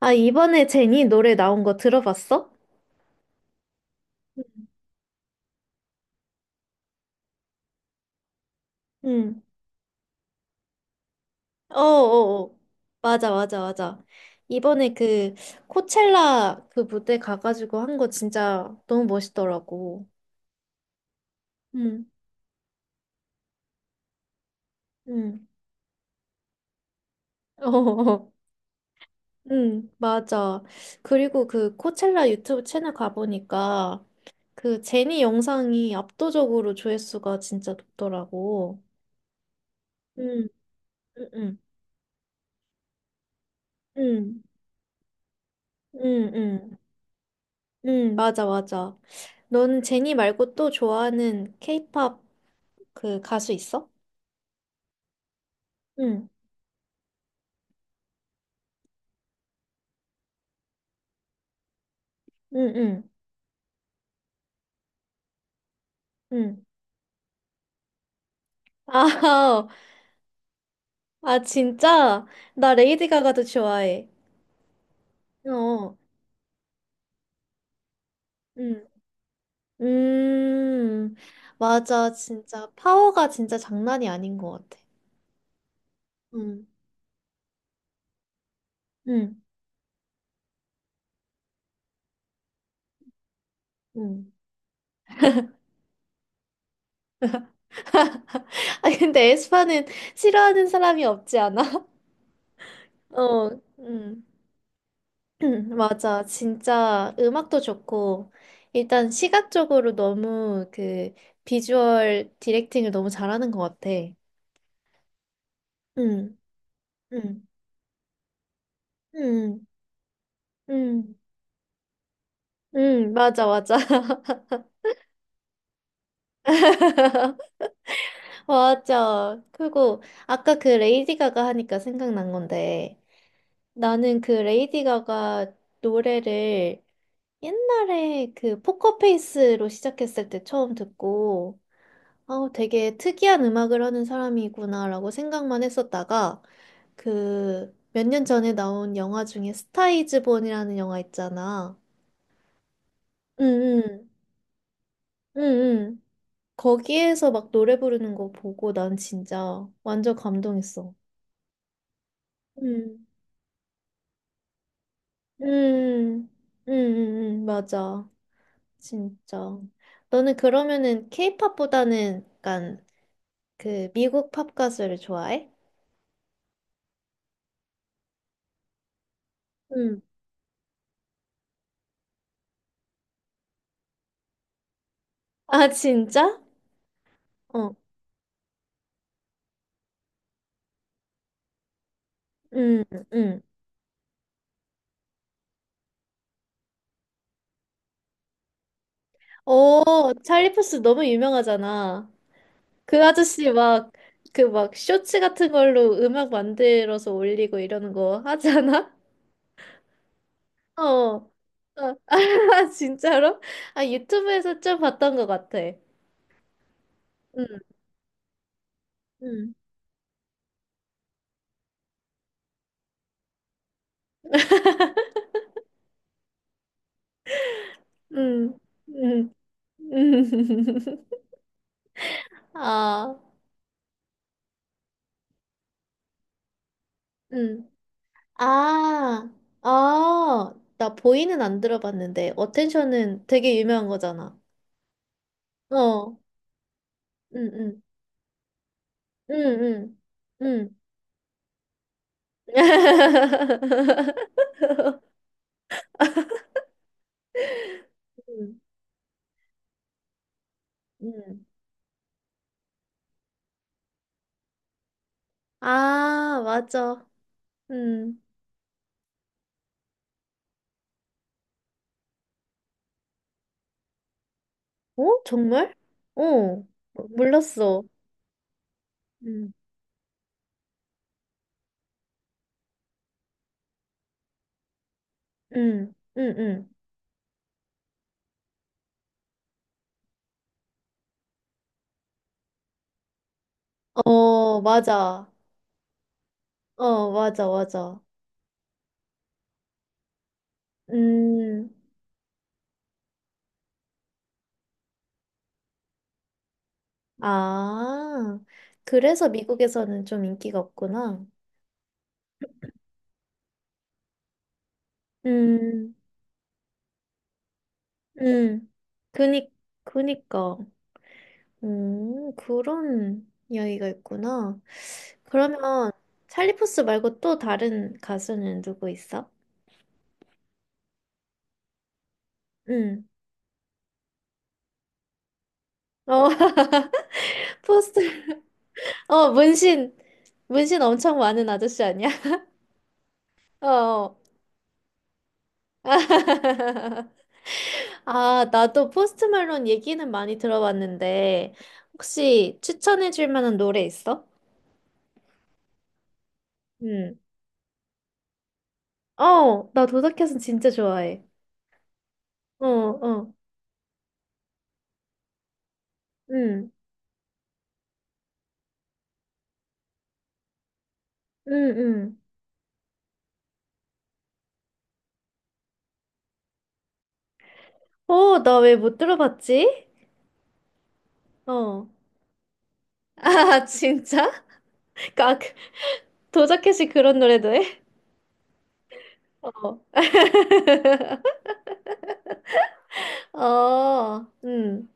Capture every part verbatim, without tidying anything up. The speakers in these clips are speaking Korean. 아, 이번에 제니 노래 나온 거 들어봤어? 응. 어어어. 맞아, 맞아, 맞아. 이번에 그 코첼라 그 무대 가가지고 한 거 진짜 너무 멋있더라고. 응, 응. 어, 응, 맞아. 그리고 그 코첼라 유튜브 채널 가보니까 그 제니 영상이 압도적으로 조회수가 진짜 높더라고. 응, 응, 응, 응, 응, 응. 응 맞아, 맞아. 너는 제니 말고 또 좋아하는 케이팝 그 가수 있어? 응, 응, 응, 응. 아, 아, 진짜? 나 레이디 가가도 좋아해. 어, 응. 음, 맞아, 진짜. 파워가 진짜 장난이 아닌 것 같아. 응, 응, 응. 아, 근데 에스파는 싫어하는 사람이 없지 않아? 어, 응. 맞아. 진짜 음악도 좋고, 일단 시각적으로 너무 그 비주얼 디렉팅을 너무 잘하는 것 같아. 응, 응, 응, 응, 응, 맞아, 맞아. 맞아. 그리고 아까 그 레이디 가가 하니까 생각난 건데, 나는 그 레이디 가가 노래를 옛날에 그 포커페이스로 시작했을 때 처음 듣고, 어, 되게 특이한 음악을 하는 사람이구나라고 생각만 했었다가 그 몇 년 전에 나온 영화 중에 스타이즈 본이라는 영화 있잖아. 응응 응응 거기에서 막 노래 부르는 거 보고 난 진짜 완전 감동했어. 응. 응. 응. 응. 맞아. 진짜. 너는 그러면은 케이팝보다는 약간 그 미국 팝 가수를 좋아해? 응. 아 진짜? 어. 응. 응. 어, 찰리 푸스 너무 유명하잖아. 그 아저씨 막, 그 막 쇼츠 같은 걸로 음악 만들어서 올리고 이러는 거 하잖아? 어. 어. 아, 진짜로? 아, 유튜브에서 좀 봤던 것 같아. 응, 응, 응, 응, 응. 아, 응. 아, 아, 나 보이는 안 들어봤는데, 어텐션은 되게 유명한 거잖아. 어, 응, 응, 응, 응, 응. 음, 음. 아, 맞아. 음. 어? 정말? 어, 몰랐어. 음, 음, 음, 음. 어, 맞아. 어, 맞아, 맞아. 음, 아, 그래서 미국에서는 좀 인기가 없구나. 음, 음, 그니, 그니까. 음, 그런 이야기가 있구나. 그러면 찰리 푸스 말고 또 다른 가수는 누구 있어? 응. 어, 포스트. 어, 문신. 문신 엄청 많은 아저씨 아니야? 어. 아, 나도 포스트 말론 얘기는 많이 들어봤는데 혹시 추천해 줄 만한 노래 있어? 응. 어, 나 도덕켓은 진짜 좋아해. 어, 어. 응. 응, 응. 어, 나 왜 못 들어봤지? 어. 아, 진짜? 까, 그- 도자켓이 그런 노래도 해? 어. 어, 음,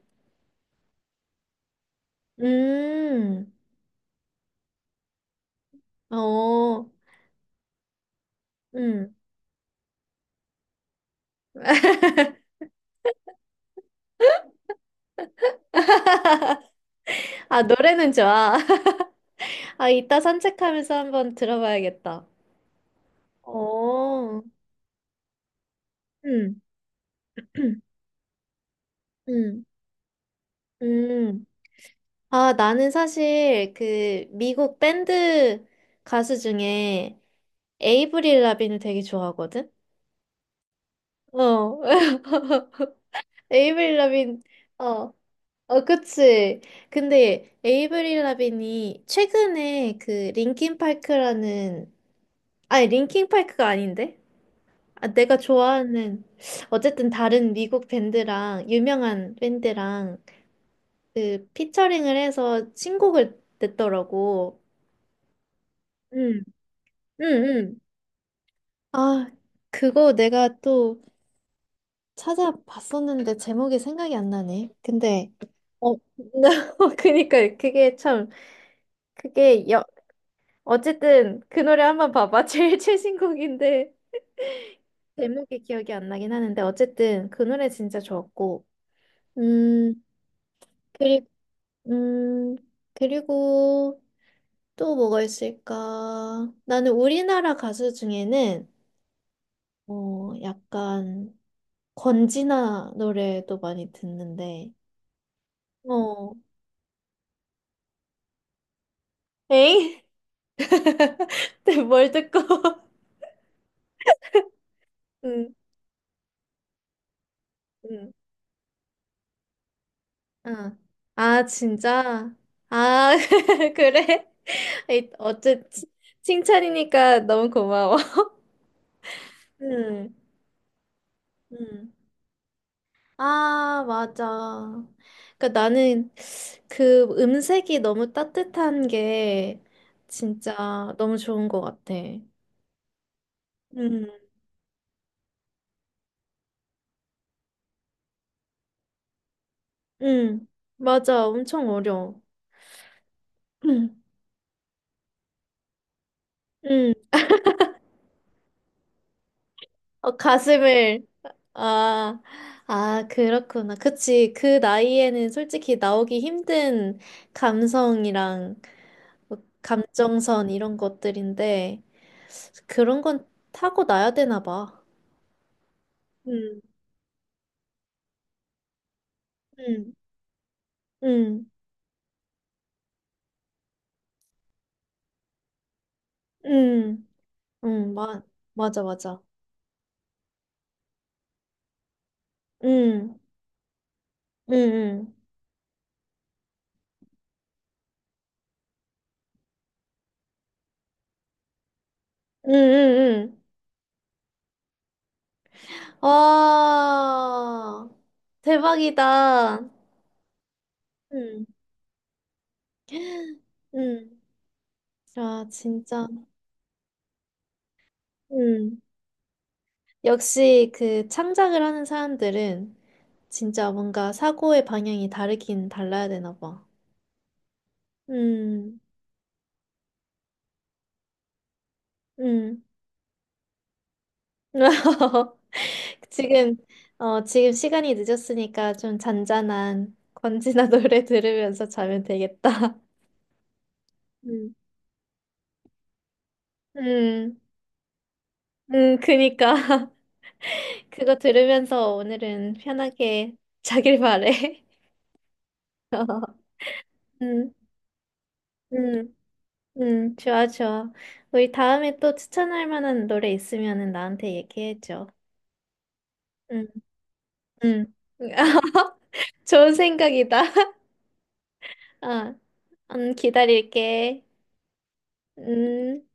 음, 어, 음. 아, 노래는 좋아. 아, 이따 산책하면서 한번 들어봐야겠다. 어, 음, 음, 음. 아, 나는 사실 그 미국 밴드 가수 중에 에이브릴 라빈을 되게 좋아하거든? 어, 에이브릴 라빈, 어. 어, 그치. 근데 에이브릴 라빈이 최근에 그 링킨 피 에이 알 케이 라는 아니 링킹파크가 아닌데? 아, 내가 좋아하는 어쨌든 다른 미국 밴드랑 유명한 밴드랑 그 피처링을 해서 신곡을 냈더라고. 응, 응, 응. 아, 그거 내가 또 찾아봤었는데 제목이 생각이 안 나네. 근데 어, 나 그니까 그게 참 그게 여, 어쨌든 그 노래 한번 봐봐. 제일 최신 곡인데 제목이 기억이 안 나긴 하는데 어쨌든 그 노래 진짜 좋았고. 음, 그리고 음, 그리고 또 뭐가 있을까? 나는 우리나라 가수 중에는 어, 약간 권진아 노래도 많이 듣는데. 어. 에잉? 근데 뭘 듣고? 응, 응. 아, 아, 진짜? 아, 그래? 에이, 어째 치- 칭찬이니까 너무 고마워. 음, 음. 아, 맞아. 그러니까 나는 그 음색이 너무 따뜻한 게 진짜 너무 좋은 것 같아. 음, 음, 맞아. 엄청 어려워. 음, 음. 어, 가슴을. 아, 아, 그렇구나. 그치. 그 나이에는 솔직히 나오기 힘든 감성이랑 뭐 감정선 이런 것들인데. 그런 건 타고나야 되나 봐. 응 응, 응, 응, 응, 마, 맞아, 맞아. 응, 응, 응, 응, 응, 응. 와, 대박이다. 응, 응. 아, 진짜. 응. 역시 그 창작을 하는 사람들은 진짜 뭔가 사고의 방향이 다르긴 달라야 되나 봐. 응, 응. 지금, 어, 지금 시간이 늦었으니까 좀 잔잔한 권지나 노래 들으면서 자면 되겠다. 음. 음, 음, 그니까. 그거 들으면서 오늘은 편하게 자길 바래. 어. 음, 음, 음, 좋아, 좋아. 우리 다음에 또 추천할 만한 노래 있으면은 나한테 얘기해줘. 응 응 좋은 생각이다. 어, 음, 기다릴게. 음.